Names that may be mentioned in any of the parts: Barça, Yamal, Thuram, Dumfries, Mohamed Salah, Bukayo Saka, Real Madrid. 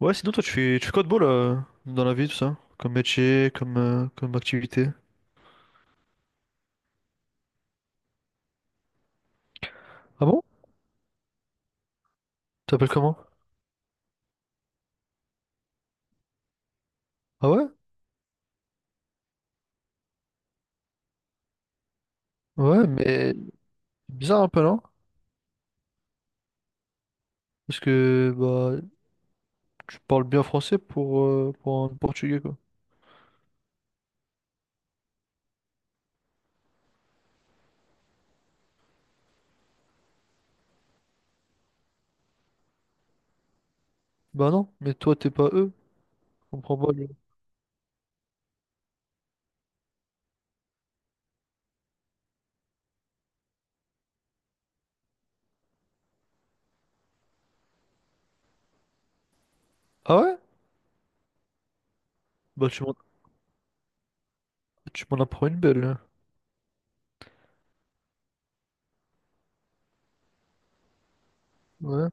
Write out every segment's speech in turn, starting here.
Ouais, sinon toi tu fais quoi de beau là dans la vie tout ça? Comme métier, comme comme activité. Ah bon? T'appelles comment? Ah ouais? Ouais, mais bizarre un peu non? Parce que bah tu parles bien français pour un portugais quoi. Bah non, mais toi t'es pas eux, je comprends pas le- Ah ouais? Bah tu m'en apprends une belle là. Ouais.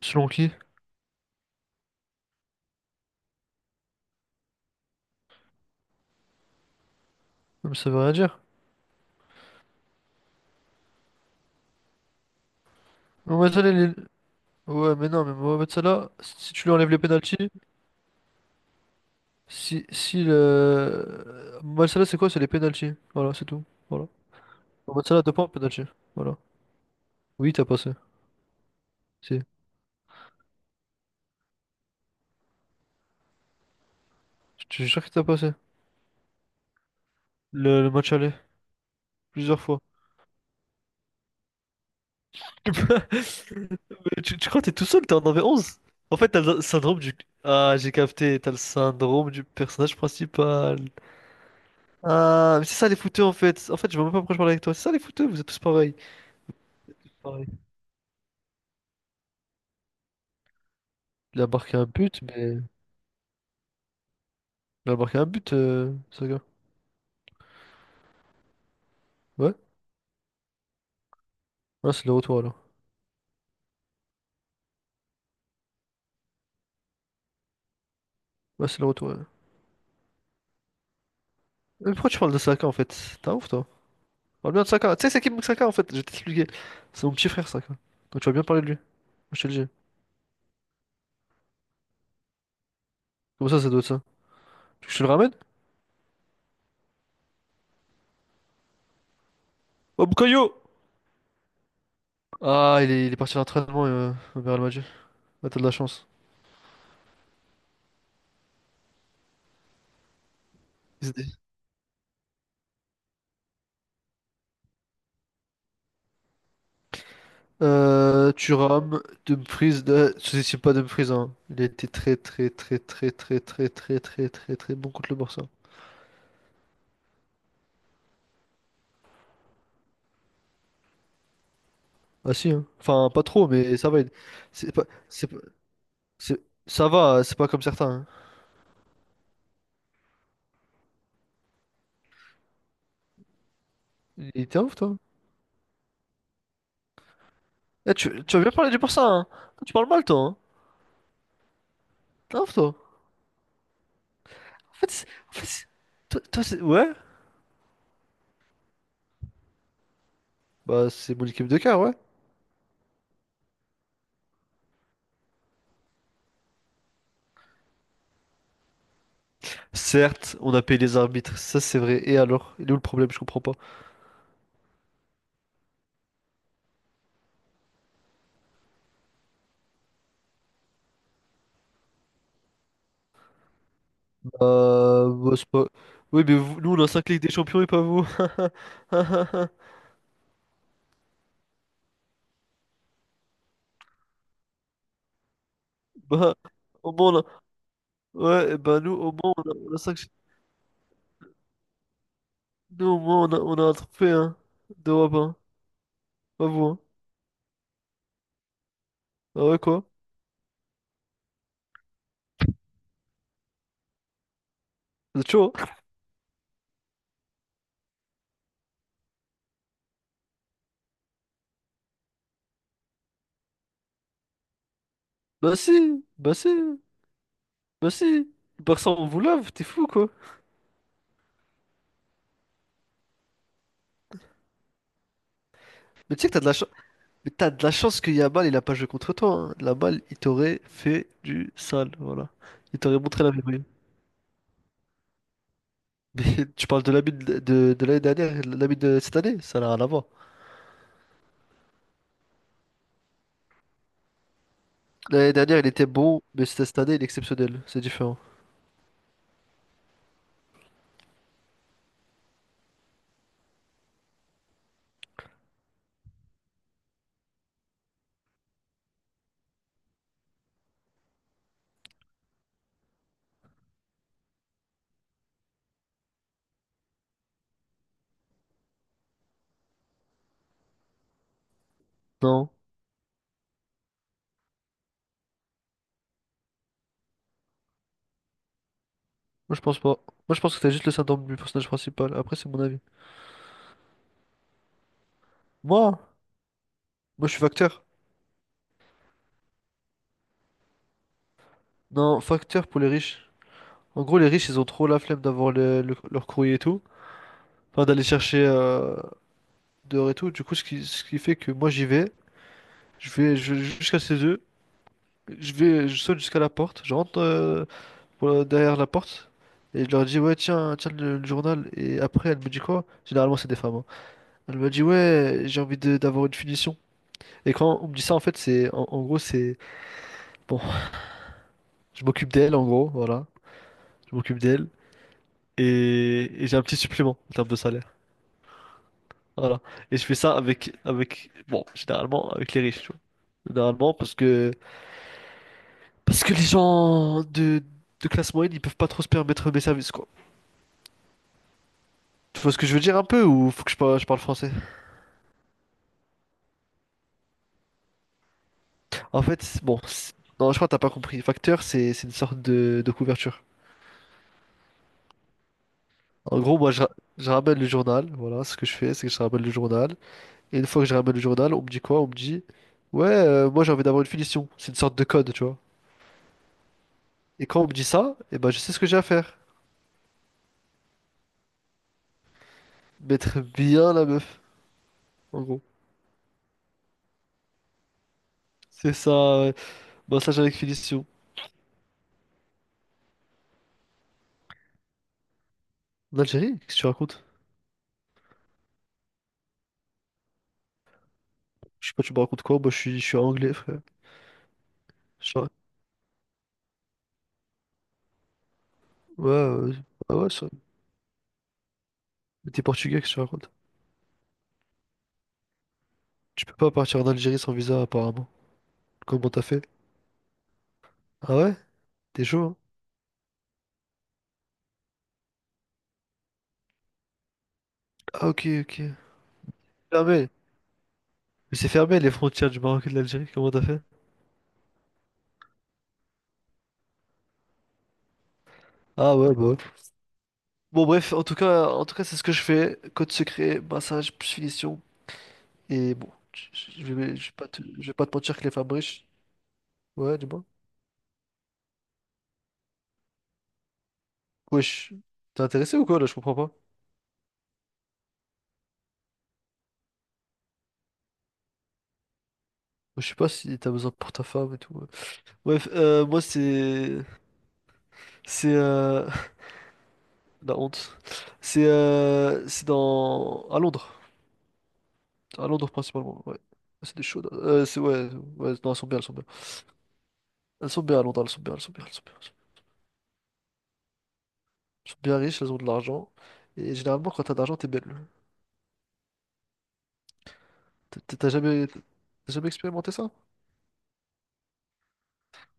Selon qui? Mais ça veut rien dire. Non, mais ça, les- Ouais, mais non, mais Mohamed Salah, si tu lui enlèves les pénaltys, si si le Mohamed Salah c'est quoi? C'est les pénaltys. Voilà, c'est tout. Voilà. Le match aller à deux points, penalty. Voilà. Oui, t'as passé. Si. Je suis sûr que t'as passé. Le match aller. Plusieurs fois. Mais tu crois que t'es tout seul, t'en avais onze. En fait, t'as le syndrome du... Ah, j'ai capté, t'as le syndrome du personnage principal. Ah, mais c'est ça les fouteux en fait. En fait, je vois même pas pourquoi je parle avec toi. C'est ça les fouteux, vous êtes tous pareils. Pareil. Il a marqué un but, mais. Il a marqué un but, Saka. Ouais? Ah, c'est le retour alors. Ouais, c'est le retour, ouais. Mais pourquoi tu parles de Saka en fait? T'as ouf toi. On parle bien de Saka. Tu sais, c'est qui Bukayo Saka en fait? Je vais t'expliquer. C'est mon petit frère Saka. Donc tu vas bien parler de lui. Moi, je te le dis. Comment ça, ça doit être ça? Tu veux que je te le ramène? Oh, Bukayo! Ah, il est parti à l'entraînement au Real Madrid. Ah, t'as de la chance. SD. Thuram, Dumfries, sous-estime pas Dumfries, hein. Il a été très très très très très très très très très très bon contre le Barça. Ah si, hein. Enfin, pas trop, mais ça va. C'est pas, c'est pas- c'est- ça va, c'est pas comme certains, hein. Il était ouf, toi. Eh, tu vas bien parler du Barça, hein. Tu parles mal, toi, hein. Non, toi. En fait, c'est- en fait, c'est- ouais, bah c'est mon équipe de cœur, ouais. Certes, on a payé les arbitres, ça c'est vrai. Et alors? Il est où le problème? Je comprends pas. Bah, c'est pas... Oui, mais nous on a 5 Ligues des Champions et pas vous. Bah, au moins on a... Ouais, bah nous au moins on a 5... Nous au moins on a un trophée, hein, d'Europe, hein. Pas vous, hein. Ah ouais, quoi? Vous êtes chaud, hein? Bah si, bah si, bah si. Barça, on vous lave, t'es fou, quoi. Mais tu sais que t'as de la chance. Mais t'as de la chance que Yamal, il a pas joué contre toi. Hein. Yamal, il t'aurait fait du sale, voilà. Il t'aurait montré la verrouille. Mais tu parles de l'ami de l'année dernière, l'ami de cette année, ça n'a rien à voir. L'année dernière, il était bon, mais cette année, il est exceptionnel. C'est différent. Non, moi je pense pas. Moi je pense que t'as juste le syndrome du personnage principal. Après, c'est mon avis. Moi, moi je suis facteur. Non, facteur pour les riches. En gros, les riches, ils ont trop la flemme d'avoir leur courrier et tout. Enfin, d'aller chercher dehors et tout. Du coup, ce qui fait que moi j'y vais. Je vais jusqu'à chez eux. Je vais, je saute jusqu'à la porte. Je rentre pour derrière la porte. Et je leur dis, ouais, tiens le journal. Et après, elle me dit quoi? Généralement, c'est des femmes, hein. Elle me dit, ouais, d'avoir une finition. Et quand on me dit ça, en fait, en gros, bon, je m'occupe d'elle, en gros, voilà. Je m'occupe d'elle. Et j'ai un petit supplément en termes de salaire. Voilà. Et je fais ça bon, généralement, avec les riches, tu vois. Généralement, parce que parce que les gens de classe moyenne, ils peuvent pas trop se permettre mes services, quoi. Tu vois ce que je veux dire un peu ou faut que je, je parle français? Bon, non, je crois que t'as pas compris. Facteur, c'est une sorte de couverture. En gros, moi, je ramène le journal. Voilà, ce que je fais, c'est que je ramène le journal. Et une fois que je ramène le journal, on me dit quoi? On me dit, ouais, moi, j'ai envie d'avoir une finition. C'est une sorte de code, tu vois. Et quand on me dit ça, eh ben, je sais ce que j'ai à faire. Mettre bien la meuf, en gros. C'est ça, ouais. Massage avec finition. En Algérie, qu'est-ce que tu racontes? Je sais pas, tu me racontes quoi? Moi, je suis anglais, frère. Je ouais, ah ouais, ça. Mais t'es portugais, qu'est-ce que tu racontes? Tu peux pas partir en Algérie sans visa, apparemment. Comment t'as fait? Ah ouais? T'es chaud, hein? Ah, ok, ok. Fermé. Mais c'est fermé, les frontières du Maroc et de l'Algérie. Comment t'as fait? Ah ouais, bah ouais. Bon, bref, en tout cas, c'est ce que je fais. Code secret, massage, plus finition. Et bon, je vais pas te mentir que les femmes riches. Ouais, dis-moi. Wesh, t'es intéressé ou quoi, là? Je comprends pas. Je sais pas si t'as besoin pour ta femme et tout, ouais. Ouais, moi c'est la honte. C'est dans à Londres principalement. Ouais, c'est des chaudes. C'est ouais, ouais, non, elles sont bien, elles sont bien. Elles sont bien à Londres, elles sont bien, elles sont bien, elles sont bien. Elles sont bien riches, elles ont de l'argent. Et généralement, quand t'as de l'argent, t'es belle. T'as t'as- t'as jamais t'as jamais expérimenté ça?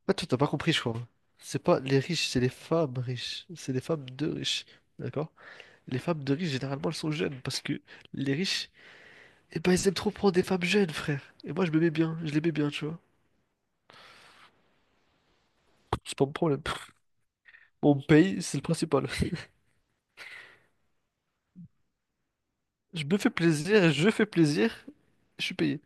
Ah, tu t'as pas compris, je crois. C'est pas les riches, c'est les femmes riches. C'est les femmes de riches, d'accord? Les femmes de riches, généralement, elles sont jeunes parce que les riches et bah, ils aiment trop prendre des femmes jeunes, frère. Et moi, je me mets bien, je les mets bien, tu vois. C'est pas mon problème. On me paye, c'est le principal. Je me fais plaisir, je suis payé.